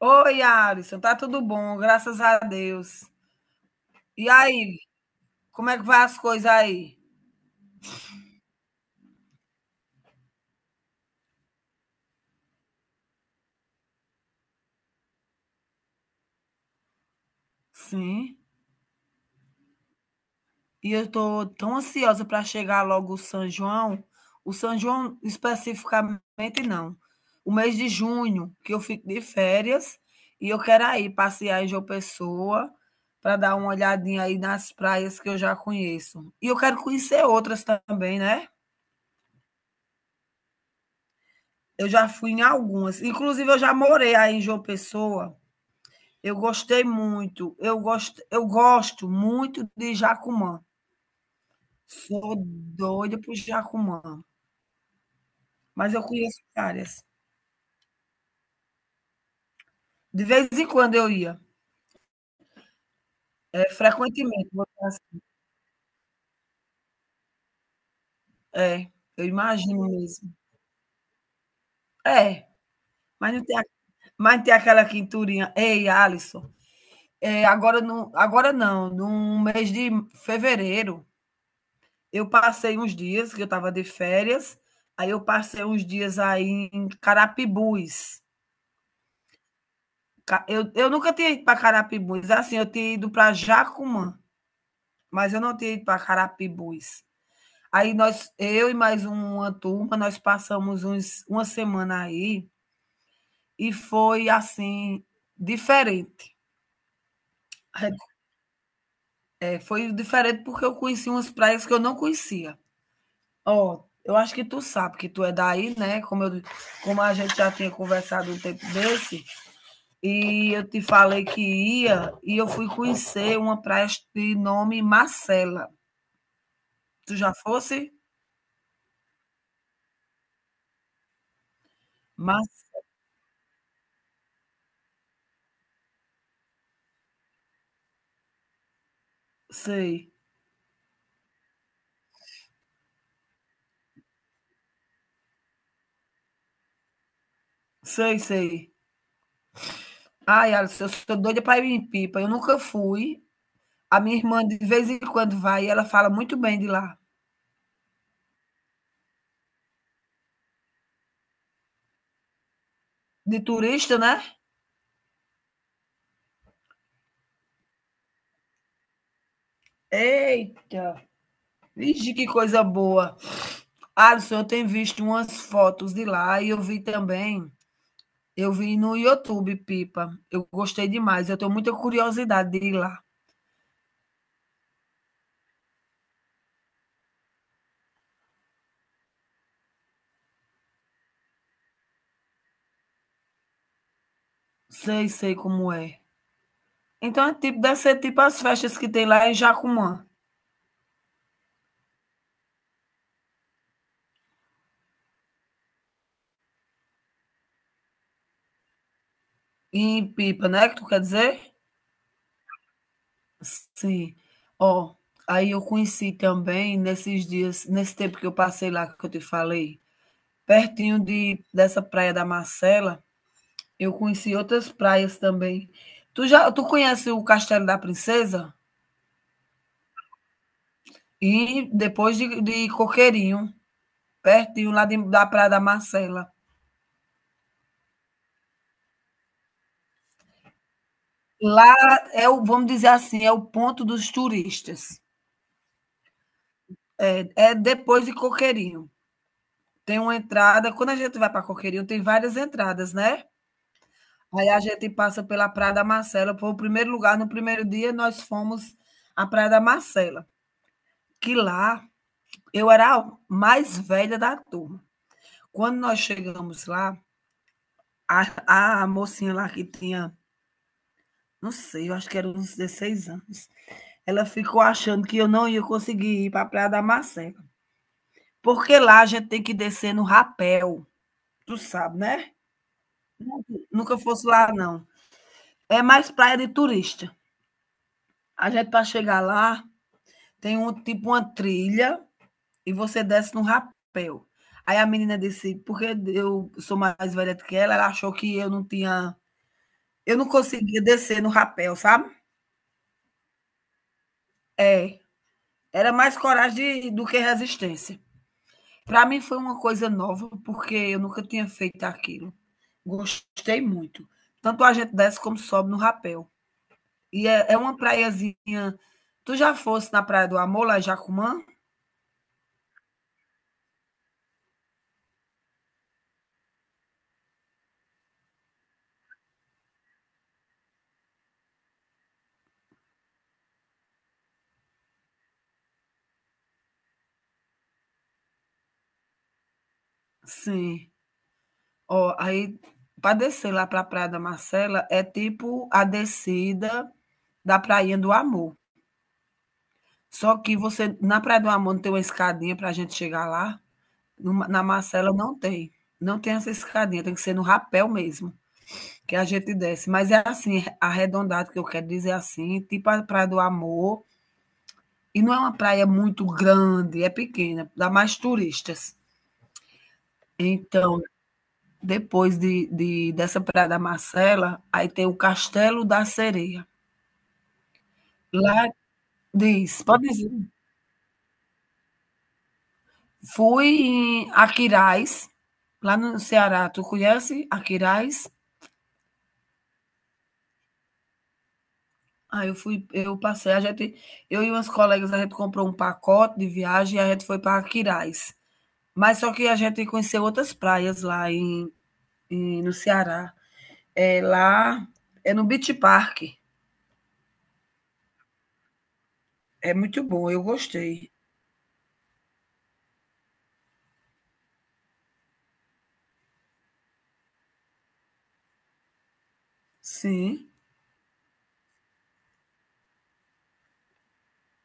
Oi, Alisson, tá tudo bom, graças a Deus. E aí, como é que vai as coisas aí? Sim. E eu tô tão ansiosa para chegar logo o São João. O São João especificamente não. O mês de junho, que eu fico de férias, e eu quero aí passear em João Pessoa para dar uma olhadinha aí nas praias que eu já conheço. E eu quero conhecer outras também, né? Eu já fui em algumas. Inclusive, eu já morei aí em João Pessoa. Eu gostei muito, eu gosto muito de Jacumã, sou doida por Jacumã, mas eu conheço áreas. De vez em quando eu ia. É frequentemente, vou dizer assim, é, eu imagino mesmo. É, mas não tem a mas não tem aquela quinturinha, ei, Alisson. É, agora não, no mês de fevereiro, eu passei uns dias que eu estava de férias, aí eu passei uns dias aí em Carapibus. Eu, nunca tinha ido para Carapibus. Assim, eu tinha ido para Jacumã, mas eu não tinha ido para Carapibus. Aí nós, eu e mais uma turma, nós passamos uns, uma semana aí e foi assim diferente. É, é, foi diferente porque eu conheci umas praias que eu não conhecia. Ó, eu acho que tu sabe que tu é daí, né? Como eu, como a gente já tinha conversado um tempo desse, e eu te falei que ia, e eu fui conhecer uma praia de nome Marcela. Tu já fosse? Mas sei, sei, sei. Ai, Alisson, eu sou doida para ir em Pipa. Eu nunca fui. A minha irmã de vez em quando vai e ela fala muito bem de lá. De turista, né? Eita! Vixe, que coisa boa. Alisson, eu tenho visto umas fotos de lá e eu vi também. Eu vi no YouTube Pipa. Eu gostei demais. Eu tenho muita curiosidade de ir lá. Sei, sei como é. Então é tipo, deve ser tipo as festas que tem lá em Jacumã, em Pipa, né, que tu quer dizer? Sim. Ó, aí eu conheci também nesses dias, nesse tempo que eu passei lá que eu te falei, pertinho de dessa praia da Marcela, eu conheci outras praias também. Tu conhece o Castelo da Princesa? E depois de Coqueirinho, pertinho lá de da praia da Marcela. Lá é o, vamos dizer assim, é o ponto dos turistas. É, é depois de Coqueirinho. Tem uma entrada, quando a gente vai para Coqueirinho, tem várias entradas, né? Aí a gente passa pela Praia da Marcela, foi o primeiro lugar, no primeiro dia nós fomos à Praia da Marcela, que lá eu era a mais velha da turma. Quando nós chegamos lá, a mocinha lá que tinha, não sei, eu acho que era uns 16 anos, ela ficou achando que eu não ia conseguir ir para a Praia da Marcela. Porque lá a gente tem que descer no rapel, tu sabe, né? Nunca fosse lá, não. É mais praia de turista. A gente, para chegar lá, tem um tipo uma trilha e você desce num rapel. Aí a menina disse, porque eu sou mais velha do que ela achou que eu não tinha. Eu não conseguia descer no rapel, sabe? É. Era mais coragem do que resistência. Para mim foi uma coisa nova, porque eu nunca tinha feito aquilo. Gostei muito. Tanto a gente desce como sobe no rapel. E é uma praiazinha. Tu já fosse na Praia do Amor, lá em Jacumã? Sim. Ó, aí para descer lá para a Praia da Marcela é tipo a descida da Prainha do Amor. Só que você na Praia do Amor não tem uma escadinha para a gente chegar lá. Na Marcela não tem. Não tem essa escadinha, tem que ser no rapel mesmo, que a gente desce. Mas é assim, arredondado, que eu quero dizer assim, tipo a Praia do Amor. E não é uma praia muito grande, é pequena, dá mais turistas. Então, depois de dessa Praia da Marcela, aí tem o Castelo da Sereia. Lá diz, pode dizer. Fui em Aquiraz, lá no Ceará. Tu conhece Aquiraz? Aí eu fui, eu passei, a gente eu e umas colegas, a gente comprou um pacote de viagem e a gente foi para Aquiraz. Mas só que a gente conheceu outras praias lá em no Ceará. É lá é no Beach Park. É muito bom, eu gostei. Sim.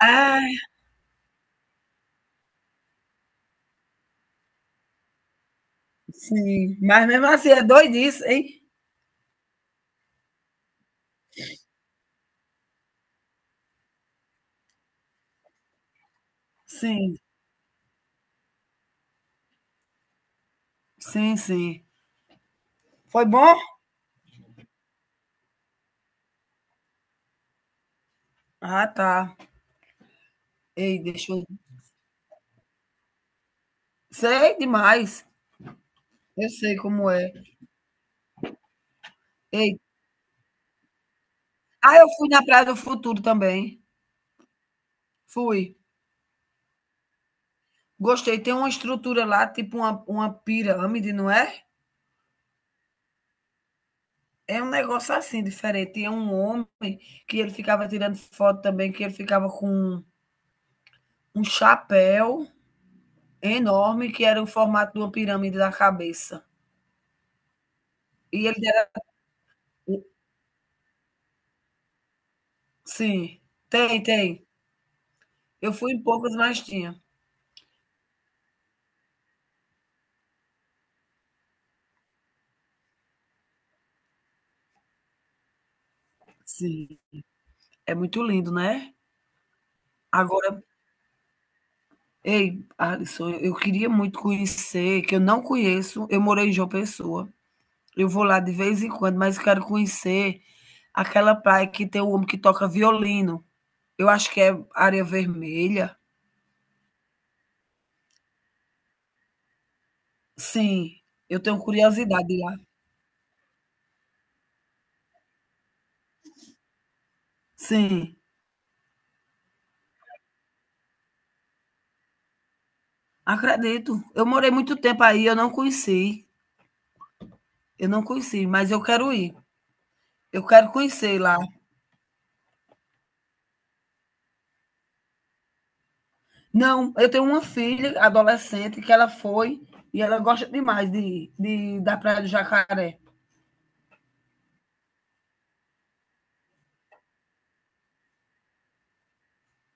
É. Sim, mas mesmo assim é doidice, hein? Sim, sim, sim. Foi bom? Ah, tá. Ei, deixa eu. Sei demais. Eu sei como é. Ei. Ah, eu fui na Praia do Futuro também. Fui. Gostei. Tem uma estrutura lá, tipo uma pirâmide, não é? É um negócio assim, diferente. E é um homem que ele ficava tirando foto também, que ele ficava com um chapéu enorme, que era o formato de uma pirâmide da cabeça. E ele era. Sim, tem, tem. Eu fui em poucas, mas tinha. Sim, é muito lindo, né. Agora, ei, Alisson, eu queria muito conhecer, que eu não conheço, eu morei em João Pessoa. Eu vou lá de vez em quando, mas quero conhecer aquela praia que tem o homem que toca violino. Eu acho que é Areia Vermelha. Sim, eu tenho curiosidade de ir lá. Sim, acredito. Eu morei muito tempo aí, eu não conheci. Eu não conheci, mas eu quero ir. Eu quero conhecer lá. Não, eu tenho uma filha adolescente que ela foi e ela gosta demais da Praia do Jacaré.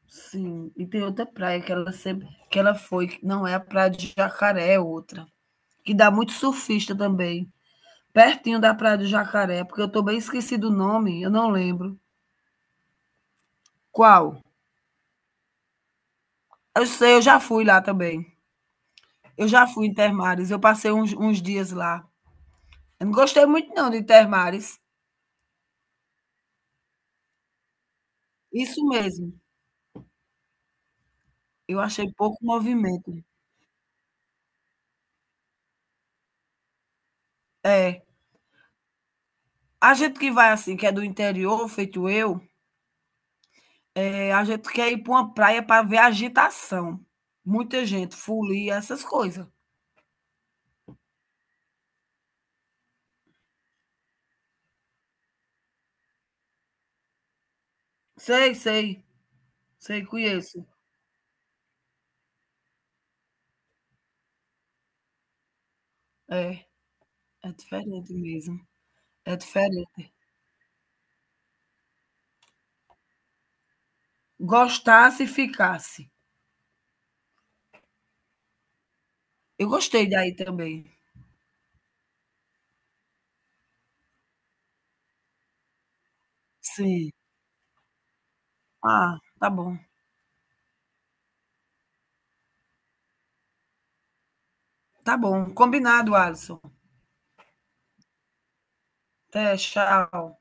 Sim, e tem outra praia que ela sempre que ela foi, que não é a Praia do Jacaré, é outra, que dá muito surfista também, pertinho da Praia do Jacaré, porque eu tô bem esquecido o nome, eu não lembro. Qual? Eu sei, eu já fui lá também. Eu já fui em Termares, eu passei uns dias lá. Eu não gostei muito não de Termares. Isso mesmo. Eu achei pouco movimento. É, a gente que vai assim, que é do interior, feito eu, é, a gente quer ir para uma praia para ver agitação. Muita gente, folia, essas coisas. Sei, sei, sei, conheço. É, é diferente mesmo. É diferente. Gostasse e ficasse. Eu gostei daí também. Sim. Ah, tá bom. Tá bom. Combinado, Alisson. Até, tchau.